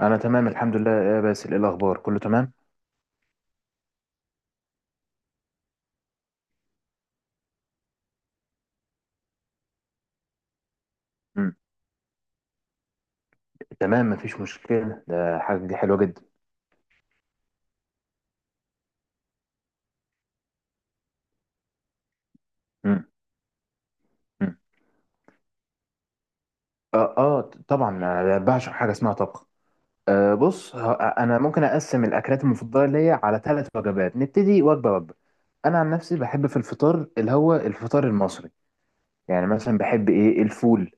انا تمام الحمد لله يا باسل، ايه الاخبار؟ كله تمام. مم. تمام، مفيش مشكله. ده حاجه، دي حلوه جدا. مم. مم. طبعا انا بعشق حاجه اسمها طبخ. بص، انا ممكن اقسم الاكلات المفضله ليا على 3 وجبات. نبتدي وجبه. انا عن نفسي بحب في الفطار اللي هو الفطار المصري. مثلا بحب الفول،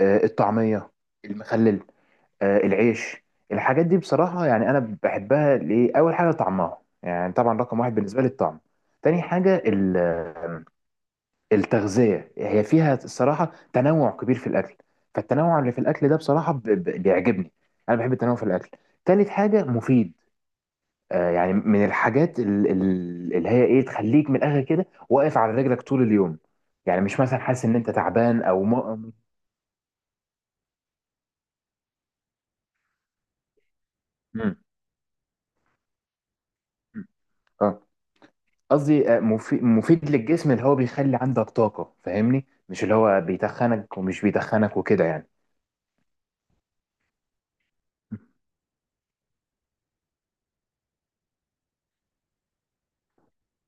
الطعميه، المخلل، العيش. الحاجات دي بصراحة أنا بحبها. ليه؟ أول حاجة طعمها، طبعا رقم واحد بالنسبة لي الطعم. تاني حاجة التغذية، هي فيها الصراحة تنوع كبير في الأكل. فالتنوع اللي في الأكل ده بصراحة بيعجبني، أنا بحب التنوع في الأكل. تالت حاجة مفيد. من الحاجات اللي هي إيه، تخليك من الآخر كده واقف على رجلك طول اليوم. مش مثلا حاسس إن أنت تعبان أو م- آه. قصدي مفيد للجسم، اللي هو بيخلي عندك طاقة. فاهمني؟ مش اللي هو بيتخنك، ومش بيتخنك وكده يعني.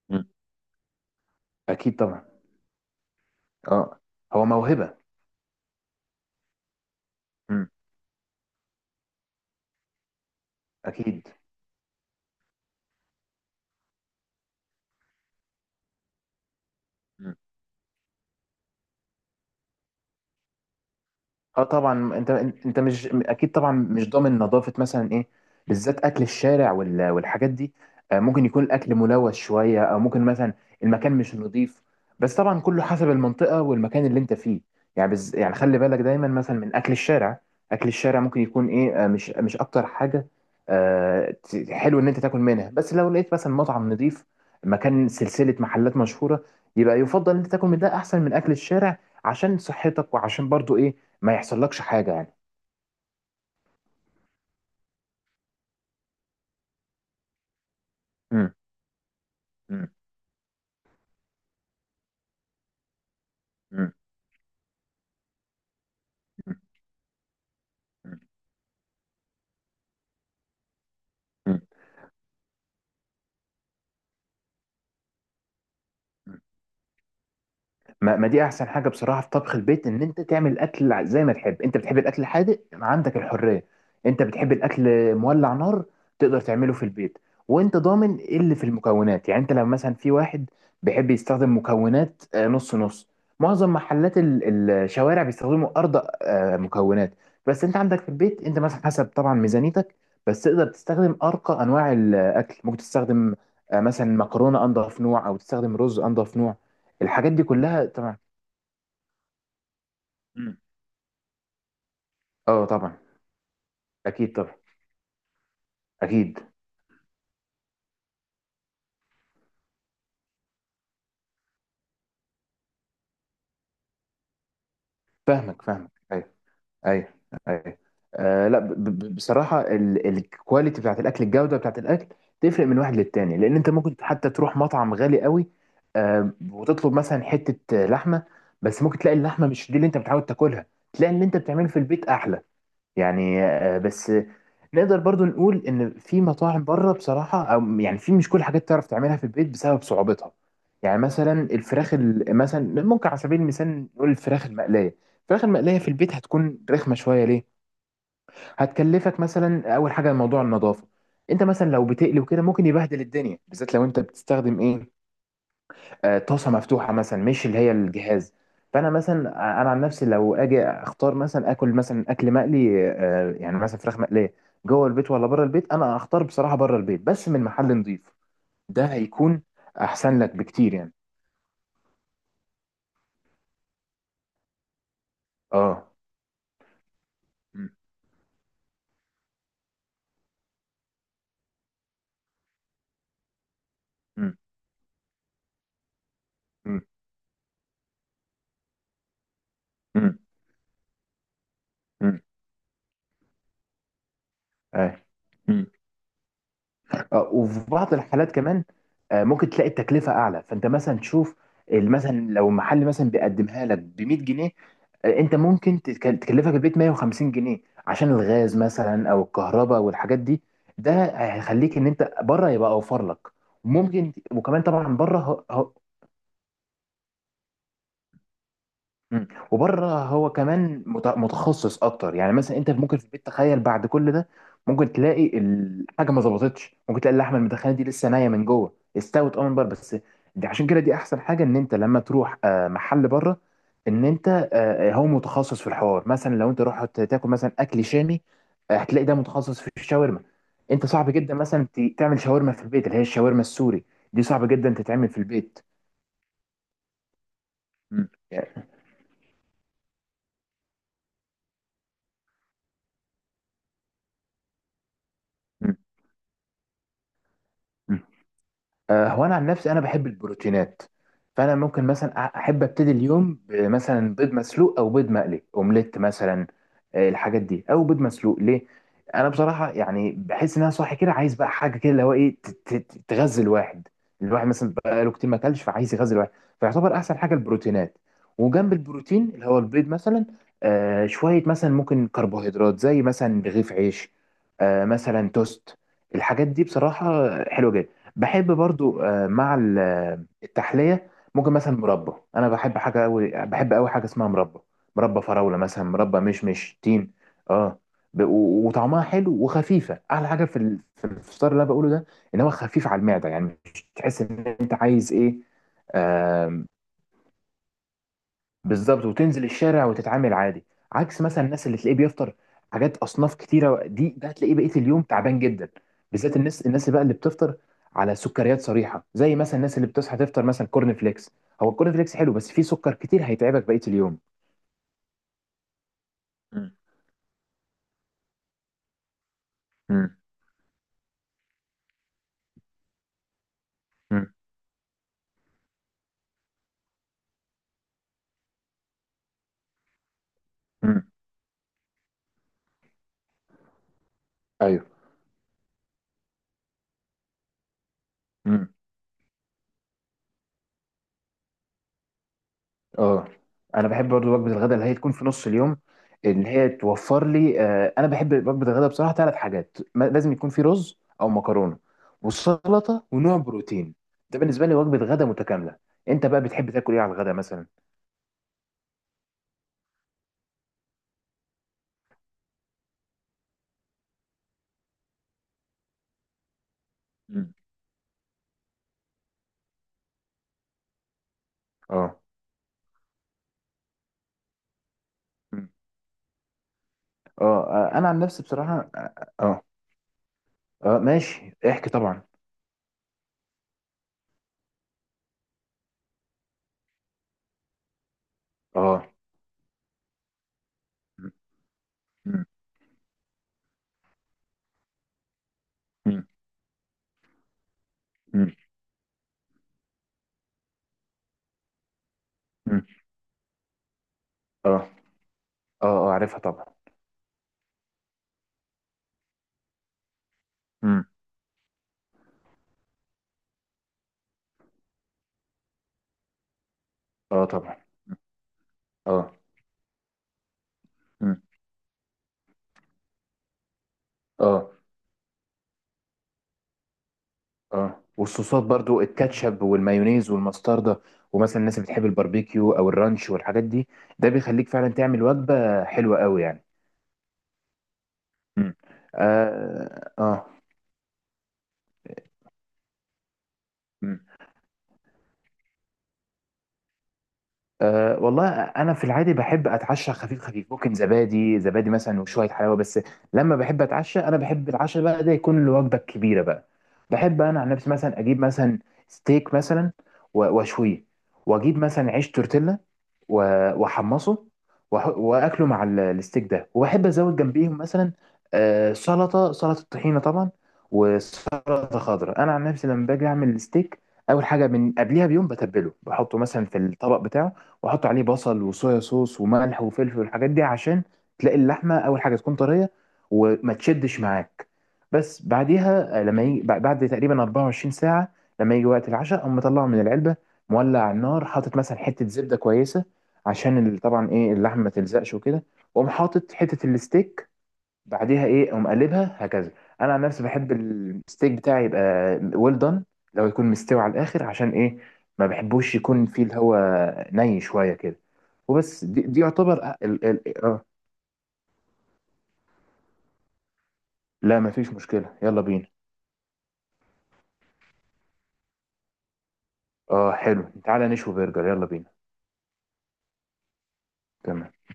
مم. أكيد طبعا. اه، هو موهبة. مم. أكيد. اه طبعا. انت، انت مش، اكيد طبعا مش ضامن نظافه مثلا، ايه، بالذات اكل الشارع والحاجات دي. ممكن يكون الاكل ملوث شويه، او ممكن مثلا المكان مش نظيف. بس طبعا كله حسب المنطقه والمكان اللي انت فيه. يعني خلي بالك دايما مثلا من اكل الشارع. اكل الشارع ممكن يكون ايه آه، مش مش اكتر حاجه. حلو ان انت تاكل منها، بس لو لقيت مثلا مطعم نظيف، مكان، سلسله محلات مشهوره، يبقى يفضل ان انت تاكل من ده احسن من اكل الشارع، عشان صحتك وعشان برضو ايه، ما يحصلكش حاجة يعني. مم. مم. مم. مم. مم. مم. ما, ما دي احسن حاجه بصراحه في طبخ البيت، ان انت تعمل الاكل زي ما تحب. انت بتحب الاكل الحادق، عندك الحريه. انت بتحب الاكل مولع نار، تقدر تعمله في البيت. وانت ضامن ايه اللي في المكونات. يعني انت لما مثلا، في واحد بيحب يستخدم مكونات نص نص. معظم محلات الشوارع بيستخدموا ارض، مكونات. بس انت عندك في البيت، انت مثلا حسب طبعا ميزانيتك، بس تقدر تستخدم ارقى انواع الاكل. ممكن تستخدم مثلا مكرونه انضف نوع، او تستخدم رز انضف نوع. الحاجات دي كلها طبعا. مم. اه طبعا، اكيد طبعا. اكيد. فاهمك ايوه. ايوه. ايوه. آه لا، ب ب بصراحه الكواليتي بتاعت الاكل، الجوده بتاعت الاكل تفرق من واحد للتاني. لان انت ممكن حتى تروح مطعم غالي قوي، آه، وتطلب مثلا حته لحمه، بس ممكن تلاقي اللحمه مش دي اللي انت متعود تاكلها. تلاقي اللي انت بتعمله في البيت احلى. يعني بس نقدر برضو نقول ان في مطاعم بره بصراحه، او يعني في، مش كل حاجات تعرف تعملها في البيت بسبب صعوبتها. يعني مثلا الفراخ مثلا ممكن، على سبيل المثال نقول الفراخ المقليه. الفراخ المقليه في البيت هتكون رخمه شويه. ليه؟ هتكلفك مثلا، اول حاجه موضوع النظافه. انت مثلا لو بتقلي وكده، ممكن يبهدل الدنيا، بالذات لو انت بتستخدم ايه، طاسه مفتوحه مثلا، مش اللي هي الجهاز. فانا مثلا انا عن نفسي لو اجي اختار مثلا اكل، مثلا اكل مقلي، مثلا فراخ مقليه، جوه البيت ولا بره البيت، انا اختار بصراحه بره البيت، بس من محل نظيف. ده هيكون احسن لك بكتير يعني. اه. م- م- م- م- م- آه. وفي بعض الحالات كمان ممكن تلاقي التكلفة أعلى. فأنت مثلا تشوف، مثلا لو محل مثلا بيقدمها لك ب 100 جنيه، أنت ممكن تكلفك البيت 150 جنيه، عشان الغاز مثلا أو الكهرباء والحاجات دي. ده هيخليك إن أنت بره يبقى أوفر لك. وممكن وكمان طبعا بره. وبره هو كمان متخصص اكتر. يعني مثلا انت ممكن في البيت، تخيل بعد كل ده ممكن تلاقي الحاجه ما ظبطتش، ممكن تلاقي اللحمه المدخنه دي لسه نيه من جوه، استوت اه من بره بس. دي عشان كده دي احسن حاجه، ان انت لما تروح محل بره، ان انت هو متخصص في الحوار. مثلا لو انت رحت تاكل مثلا اكل شامي، هتلاقي ده متخصص في الشاورما. انت صعب جدا مثلا تعمل شاورما في البيت، اللي هي الشاورما السوري، دي صعب جدا تتعمل في البيت. مم. يعني- مم. هو انا عن نفسي انا بحب البروتينات. فانا ممكن مثلا احب ابتدي اليوم مثلا بيض مسلوق او بيض مقلي، اومليت مثلا. الحاجات دي، او بيض مسلوق. ليه؟ انا بصراحه يعني بحس ان انا صاحي كده عايز بقى حاجه كده اللي هو ايه، تغذي الواحد. الواحد مثلا بقاله كتير ما اكلش، فعايز يغذي الواحد. فيعتبر احسن حاجه البروتينات. وجنب البروتين اللي هو البيض مثلا، شويه مثلا ممكن كربوهيدرات زي مثلا رغيف عيش، مثلا توست. الحاجات دي بصراحه حلوه جدا. بحب برضو مع التحلية، ممكن مثلا مربى. انا بحب حاجة قوي، بحب قوي حاجة اسمها مربى. مربى فراولة مثلا، مربى مشمش، تين. اه، وطعمها حلو وخفيفة. احلى حاجة في الفطار اللي انا بقوله ده، ان هو خفيف على المعدة. يعني مش تحس ان انت عايز ايه. بالظبط، وتنزل الشارع وتتعامل عادي. عكس مثلا الناس اللي تلاقيه بيفطر حاجات اصناف كتيره، دي ده هتلاقيه بقيه اليوم تعبان جدا. بالذات الناس، الناس بقى اللي بتفطر على سكريات صريحه، زي مثلا الناس اللي بتصحى تفطر مثلا كورن فليكس. هو الكورن فليكس حلو، بس فيه سكر كتير هيتعبك بقيه اليوم. مم. مم. مم. مم. ايوه. مم. اه، انا بحب برضو وجبه الغداء اللي هي تكون في نص اليوم، ان هي توفر لي انا بحب وجبه الغداء بصراحه 3 حاجات، لازم يكون في رز او مكرونه، والسلطه، ونوع بروتين. ده بالنسبه لي وجبه غداء متكامله. انت بقى بتحب تاكل ايه على الغداء مثلا؟ مم. اه. مم. اه. انا عن نفسي بصراحه اه. اه. ماشي، احكي طبعا. اه. مم. مم. مم. مم. مم. اه. اه اه عارفها طبعا. مم. اه طبعا. مم. اه. مم. اه. اه، والصوصات برضو الكاتشب والمايونيز والمستردة، ومثلا الناس اللي بتحب الباربيكيو او الرانش والحاجات دي، ده بيخليك فعلا تعمل وجبة حلوة قوي يعني. مم. اه. اه. مم. أه والله انا في العادي بحب اتعشى خفيف خفيف، ممكن زبادي، مثلا وشويه حلاوه بس. لما بحب اتعشى، انا بحب العشاء بقى ده يكون الوجبه الكبيره بقى. بحب انا عن نفسي مثلا اجيب مثلا ستيك مثلا، واشويه، واجيب مثلا عيش تورتيلا، و- واحمصه، واكله مع الستيك ده. وبحب ازود جنبيهم مثلا سلطه، سلطه طحينه طبعا، وسلطه خضراء. انا عن نفسي لما باجي اعمل الستيك، اول حاجه من قبلها بيوم بتبله، بحطه مثلا في الطبق بتاعه، واحط عليه بصل وصويا صوص وملح وفلفل والحاجات دي، عشان تلاقي اللحمه اول حاجه تكون طريه وما تشدش معاك. بس بعديها لما يجي بعد تقريبا 24 ساعه، لما يجي وقت العشاء، اقوم مطلعه من العلبه، مولع على النار، حاطط مثلا حته زبده كويسه عشان طبعا ايه، اللحمه ما تلزقش وكده. واقوم حاطط حته الستيك، بعديها ايه اقوم قلبها هكذا. انا عن نفسي بحب الستيك بتاعي يبقى ويل دان، لو يكون مستوي على الاخر، عشان ايه، ما بحبوش يكون فيه اللي هو ني شويه كده. وبس دي يعتبر أ- ال ال اه لا مفيش مشكله، يلا بينا. اه حلو، تعالى نشوي برجر، يلا بينا. تمام.